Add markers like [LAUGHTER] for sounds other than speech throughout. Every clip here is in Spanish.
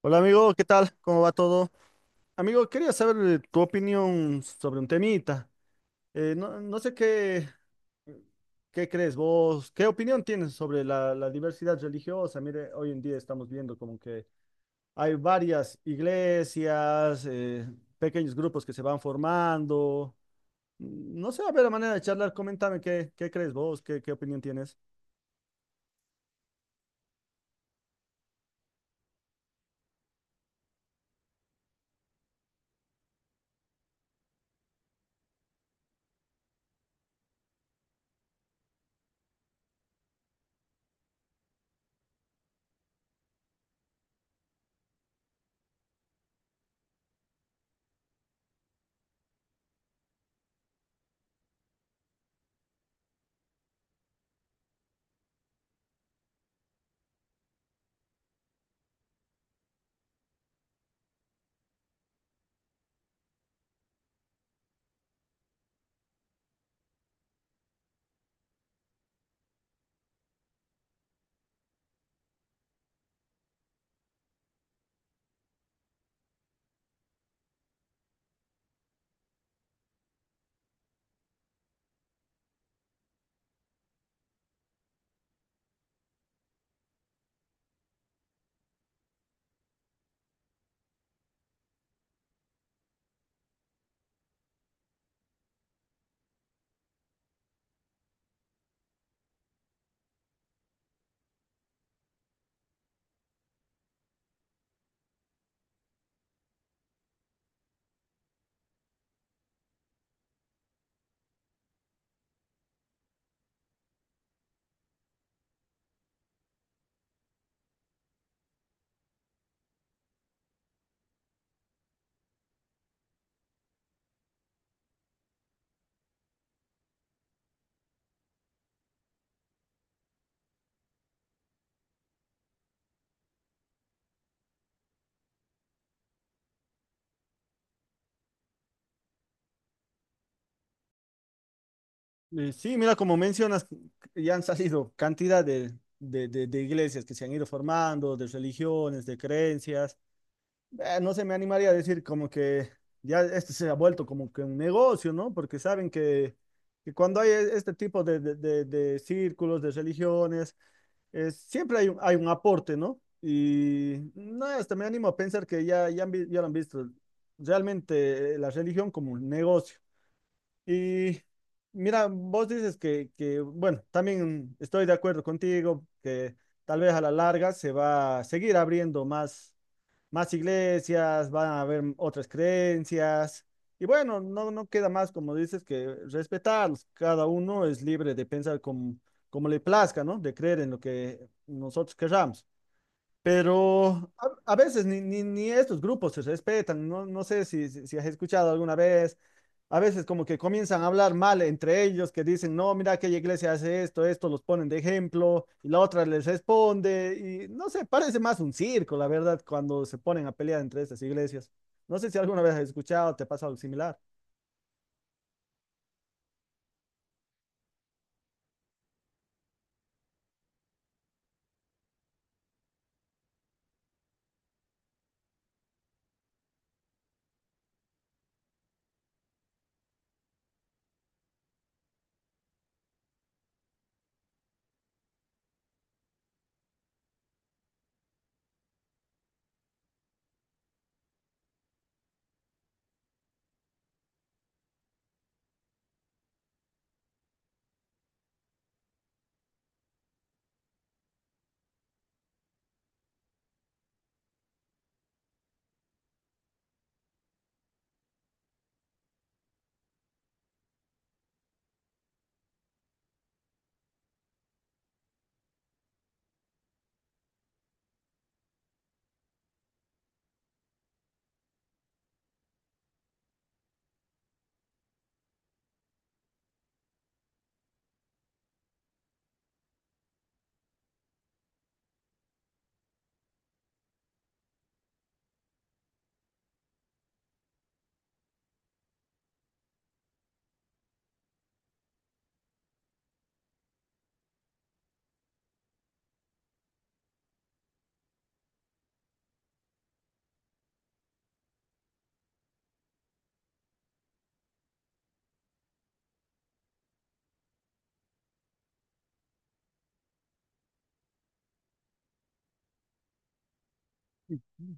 Hola amigo, ¿qué tal? ¿Cómo va todo? Amigo, quería saber tu opinión sobre un temita. No, no sé qué, qué crees vos, qué opinión tienes sobre la diversidad religiosa. Mire, hoy en día estamos viendo como que hay varias iglesias, pequeños grupos que se van formando. Mm, no sé, a ver, a manera de charlar, coméntame qué, qué crees vos, qué, qué opinión tienes. Sí, mira, como mencionas, ya han salido cantidad de, de iglesias que se han ido formando, de religiones, de creencias. No se me animaría a decir como que ya esto se ha vuelto como que un negocio, ¿no? Porque saben que cuando hay este tipo de, de círculos, de religiones, siempre hay un aporte, ¿no? Y no, hasta me animo a pensar que ya, ya, ya lo han visto realmente, la religión como un negocio. Y mira, vos dices que, bueno, también estoy de acuerdo contigo, que tal vez a la larga se va a seguir abriendo más, más iglesias, van a haber otras creencias. Y bueno, no, no queda más, como dices, que respetarlos. Cada uno es libre de pensar como, como le plazca, ¿no? De creer en lo que nosotros querramos. Pero a veces ni estos grupos se respetan, no, no sé si, si has escuchado alguna vez, a veces como que comienzan a hablar mal entre ellos, que dicen, no, mira aquella iglesia hace esto, esto los ponen de ejemplo, y la otra les responde, y no sé, parece más un circo, la verdad, cuando se ponen a pelear entre estas iglesias. No sé si alguna vez has escuchado, te ha pasado algo similar.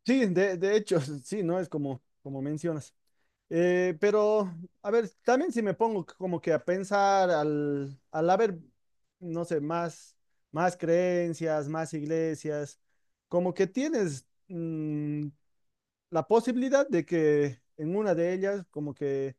Sí, de hecho, [LAUGHS] sí, no es como, como mencionas. Eh, pero, a ver, también si me pongo como que a pensar al, al haber, no sé, más, más creencias, más iglesias, como que tienes la posibilidad de que en una de ellas, como que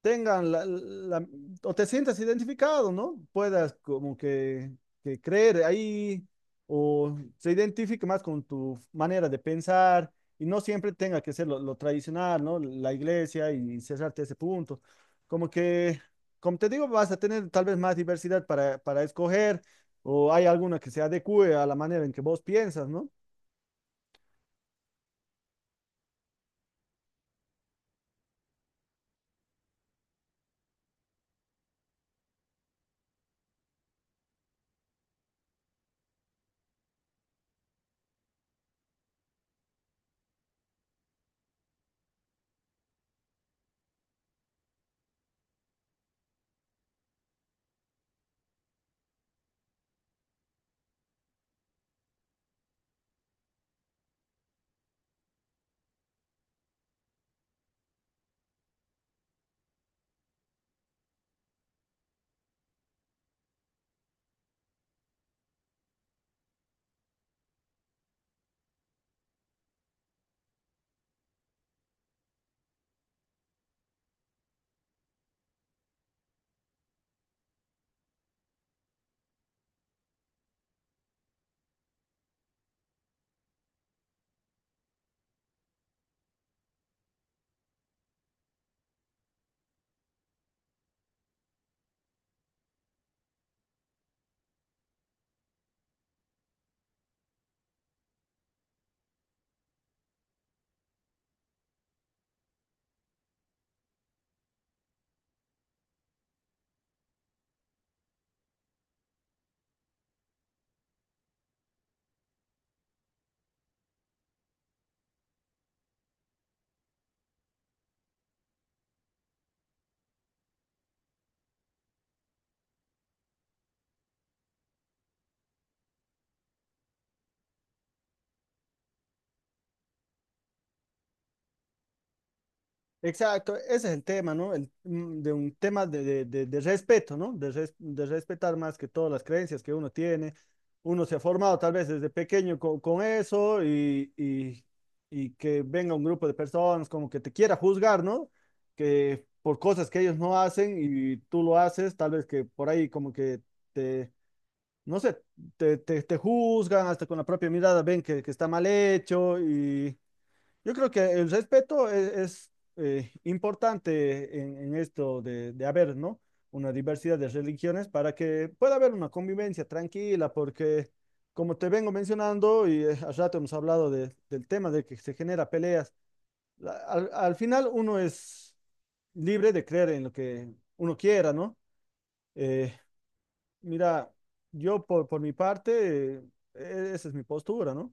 tengan o te sientas identificado, ¿no? Puedas como que creer ahí o se identifique más con tu manera de pensar y no siempre tenga que ser lo tradicional, ¿no? La iglesia y cerrarte ese punto. Como que, como te digo, vas a tener tal vez más diversidad para escoger o hay alguna que se adecue a la manera en que vos piensas, ¿no? Exacto, ese es el tema, ¿no? El, de un tema de, de respeto, ¿no? De, de respetar más que todas las creencias que uno tiene. Uno se ha formado tal vez desde pequeño con eso, y que venga un grupo de personas como que te quiera juzgar, ¿no? Que por cosas que ellos no hacen y tú lo haces, tal vez que por ahí como que te, no sé, te juzgan, hasta con la propia mirada ven que está mal hecho. Yo creo que el respeto es, importante en esto de haber, ¿no? Una diversidad de religiones para que pueda haber una convivencia tranquila, porque como te vengo mencionando y, al rato hemos hablado del tema de que se genera peleas, al, al final uno es libre de creer en lo que uno quiera, ¿no? Eh, Mira, yo por mi parte, esa es mi postura, ¿no?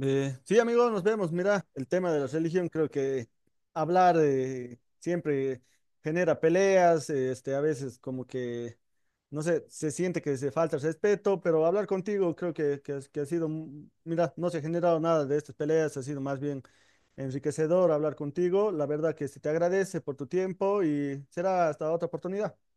Sí, amigo, nos vemos. Mira, el tema de la religión, creo que hablar, siempre genera peleas, este, a veces como que, no sé, se siente que se falta el respeto, pero hablar contigo creo que, que ha sido, mm, mira, no se ha generado nada de estas peleas, ha sido más bien enriquecedor hablar contigo. La verdad que se te agradece por tu tiempo y será hasta otra oportunidad.